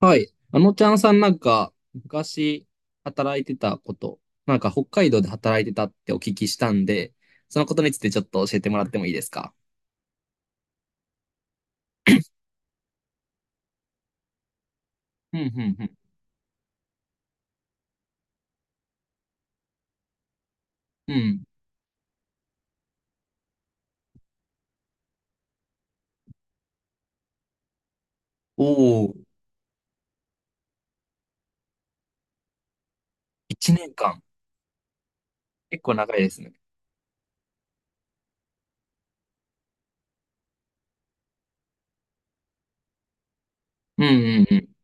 はい。あのちゃんさんなんか、昔働いてたこと、なんか北海道で働いてたってお聞きしたんで、そのことについてちょっと教えてもらってもいいですか？うん、うん、うん。うん。おー、1年間。結構長いですね。うん、うん、うん。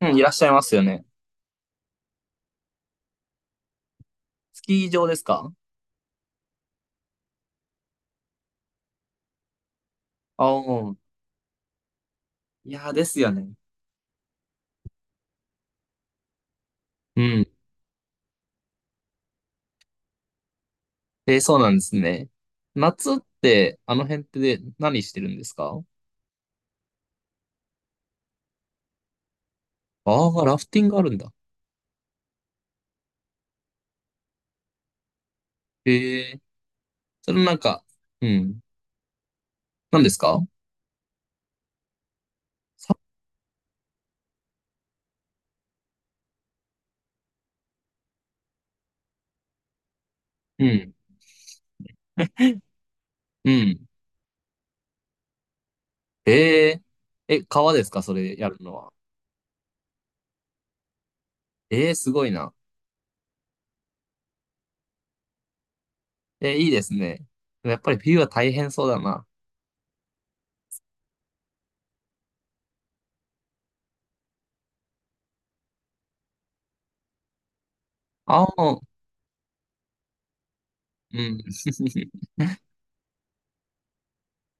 うん、うん、いらっしゃいますよね。スキー場ですか？あおー、いやーですよね。うん。えー、そうなんですね。夏って、あの辺ってで何してるんですか？ああー、ラフティングあるんだ。へえ、それなんか、うん。何ですか？さうん。うん。えええ、川ですかそれやるのは？ええ、すごいな。え、いいですね。やっぱり冬は大変そうだな。青の、うん。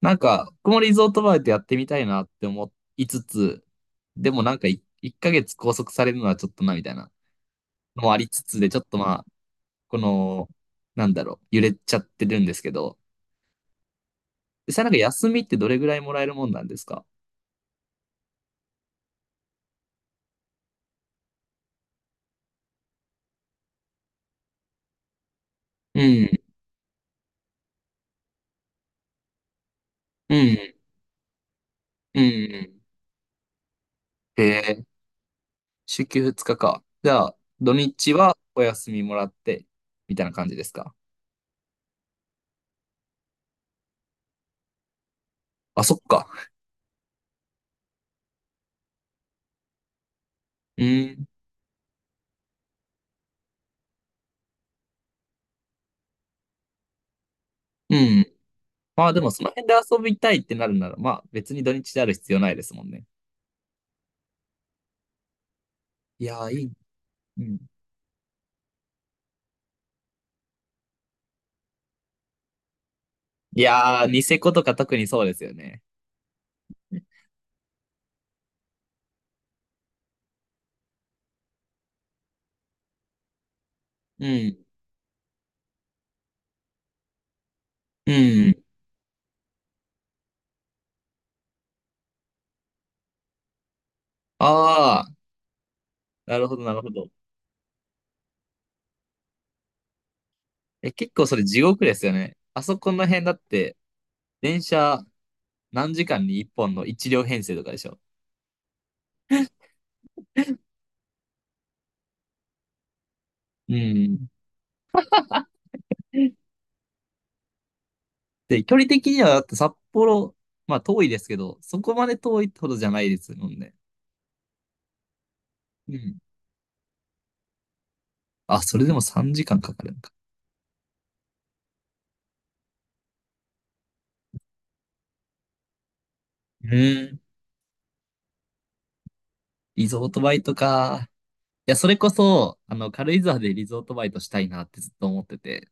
なんか、僕もリゾートバイトやってみたいなって思いつつ、でもなんか1ヶ月拘束されるのはちょっとなみたいなのもありつつで、ちょっとまあ、この、なんだろう、揺れちゃってるんですけど、実際なんか休みってどれぐらいもらえるもんなんですか？うん、うん、うん。へえ、週休2日か。じゃあ、土日はお休みもらって、みたいな感じですか？あ、そっか。うーん。うん。まあでもその辺で遊びたいってなるなら、まあ別に土日である必要ないですもんね。いやー、いい。うん。いやー、ニセコとか特にそうですよね。うん。うん。ああ、なるほど、なるほど。え、結構それ地獄ですよね。あそこの辺だって、電車何時間に1本の1両編成とかでしょ。うん。で、距離的にはだって札幌、まあ遠いですけど、そこまで遠いってほどじゃないですもんね。うん。あ、それでも3時間かんかかるのか。うーん。リゾートバイトか。いや、それこそ、あの、軽井沢でリゾートバイトしたいなってずっと思ってて、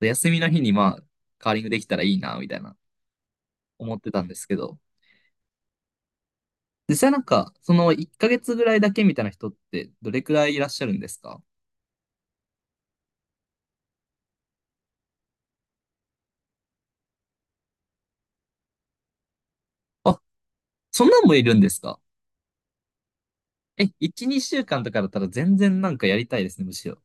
で休みの日にまあ、カーリングできたらいいな、みたいな、思ってたんですけど、実際なんか、その1ヶ月ぐらいだけみたいな人って、どれくらいいらっしゃるんですか？あ、そんなんもいるんですか？え、1、2週間とかだったら全然なんかやりたいですね、むしろ。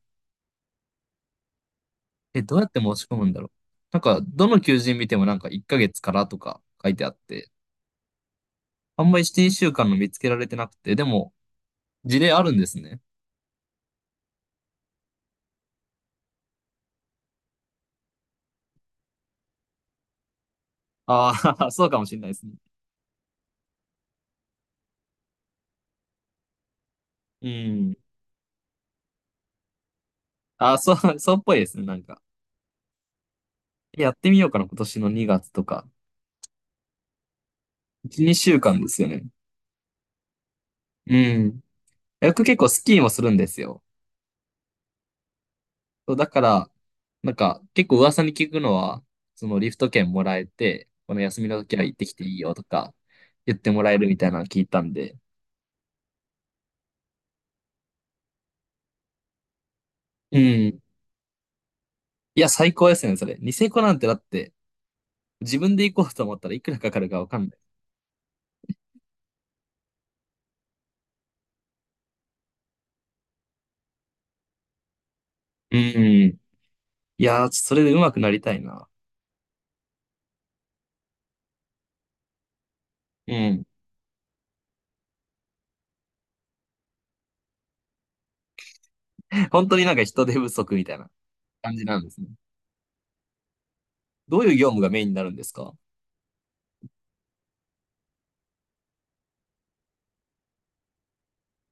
え、どうやって申し込むんだろう。なんか、どの求人見てもなんか1ヶ月からとか書いてあって、あんまり1、2週間の見つけられてなくて、でも、事例あるんですね。ああ、そうかもしれないですね。うん。ああ、そう、そうっぽいですね、なんか。やってみようかな、今年の2月とか。1、2週間ですよね。うん。僕結構スキーもするんですよ。そう、だから、なんか、結構噂に聞くのは、そのリフト券もらえて、この休みの時は行ってきていいよとか、言ってもらえるみたいなの聞いたんで、うん。いや、最高ですね、それ。ニセコなんてだって、自分で行こうと思ったらいくらかかるかわかんない。うん、いやー、それで上手くなりたいな。うん。本当になんか人手不足みたいな感じなんですね。どういう業務がメインになるんですか？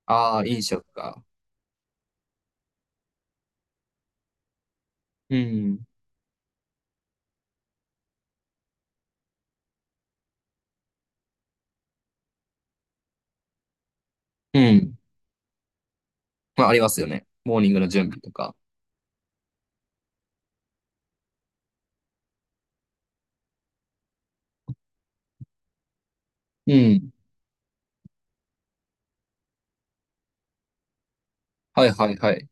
ああー、飲食か。うん、うん、まあ、ありますよね。モーニングの準備とか。うん、はいはいはい。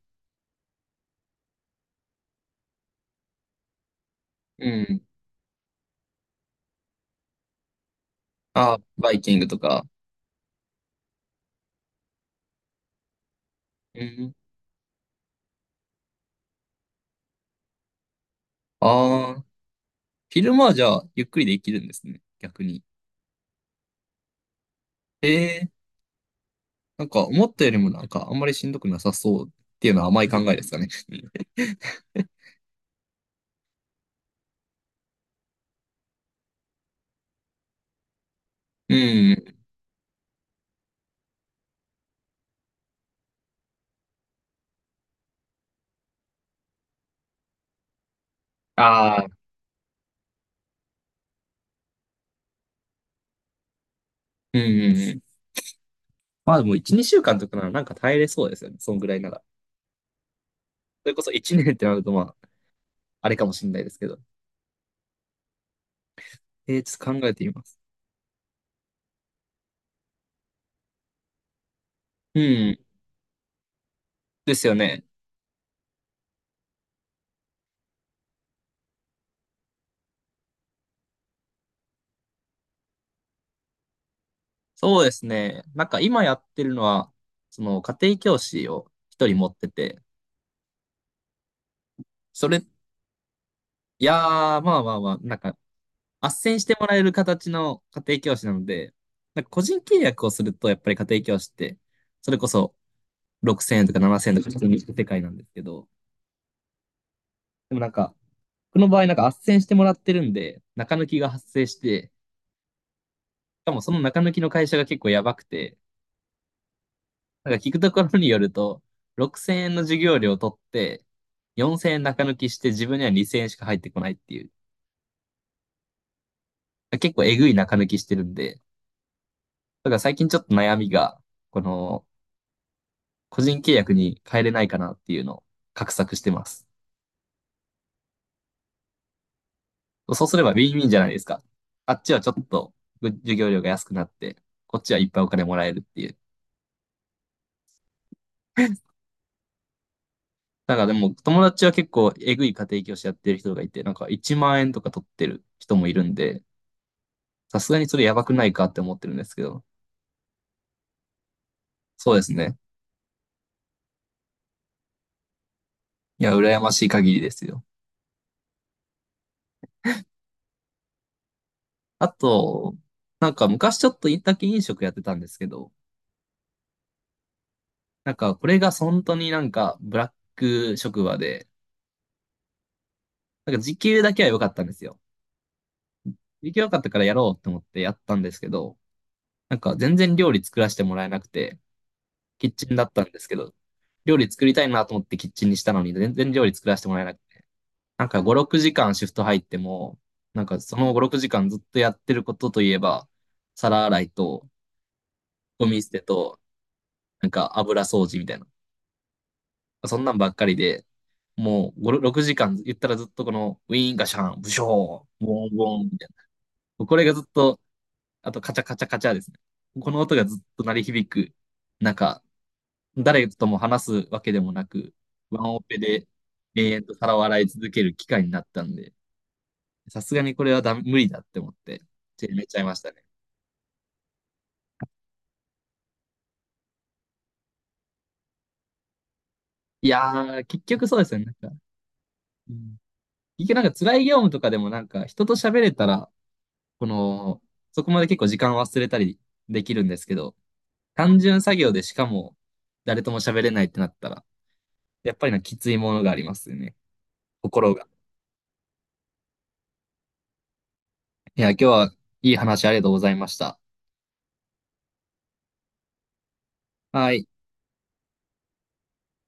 うん、ああ、バイキングとか。うん。ああ、昼間はじゃあ、ゆっくりできるんですね。逆に。ええ、なんか思ったよりもなんかあんまりしんどくなさそうっていうのは甘い考えですかね？うん。ああ、うんうんうん。まあでも1、2週間とかならなんか耐えれそうですよね。そんぐらいなら。それこそ1年ってなるとまあ、あれかもしれないですけど。えー、ちょっと考えてみます。うん。ですよね。そうですね。なんか今やってるのは、その家庭教師を一人持ってて、それ、いやー、まあまあまあ、なんか斡旋してもらえる形の家庭教師なので、なんか個人契約をすると、やっぱり家庭教師って、それこそ6000円とか7000円とか普通に行く世界なんですけど、でもなんか、僕の場合なんか斡旋してもらってるんで、中抜きが発生して、しかもその中抜きの会社が結構やばくて、なんか聞くところによると、6000円の授業料を取って、4000円中抜きして自分には2000円しか入ってこないっていう、結構えぐい中抜きしてるんで、だから最近ちょっと悩みが、この個人契約に変えれないかなっていうのを画策してます。そうすればウィンウィンじゃないですか。あっちはちょっと授業料が安くなって、こっちはいっぱいお金もらえるっていう。なんかでも友達は結構えぐい家庭教師やってる人がいて、なんか1万円とか取ってる人もいるんで、さすがにそれやばくないかって思ってるんですけど、そうですね。いや、羨ましい限りですよ。あと、なんか昔ちょっとだけ飲食やってたんですけど、なんかこれが本当になんかブラック職場で、なんか時給だけは良かったんですよ。時給良かったからやろうと思ってやったんですけど、なんか全然料理作らせてもらえなくて、キッチンだったんですけど、料理作りたいなと思ってキッチンにしたのに、全然料理作らせてもらえなくて。なんか5、6時間シフト入っても、なんかその5、6時間ずっとやってることといえば、皿洗いと、ゴミ捨てと、なんか油掃除みたいな。そんなんばっかりで、もう5、6時間言ったらずっとこのウィーンガシャン、ブショー、ボンボンみたいな。これがずっとあとカチャカチャカチャですね。この音がずっと鳴り響く中、誰とも話すわけでもなく、ワンオペで永遠と皿を洗い続ける機会になったんで、さすがにこれはダメ無理だって思って、ちめちゃいましたね。いやー、結局そうですよね。なんか、うん、結局なんか辛い業務とかでもなんか人と喋れたら、この、そこまで結構時間忘れたりできるんですけど、単純作業でしかも誰とも喋れないってなったら、やっぱりなんかきついものがありますよね。心が。いや、今日はいい話ありがとうございました。はい。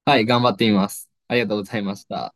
はい、頑張ってみます。ありがとうございました。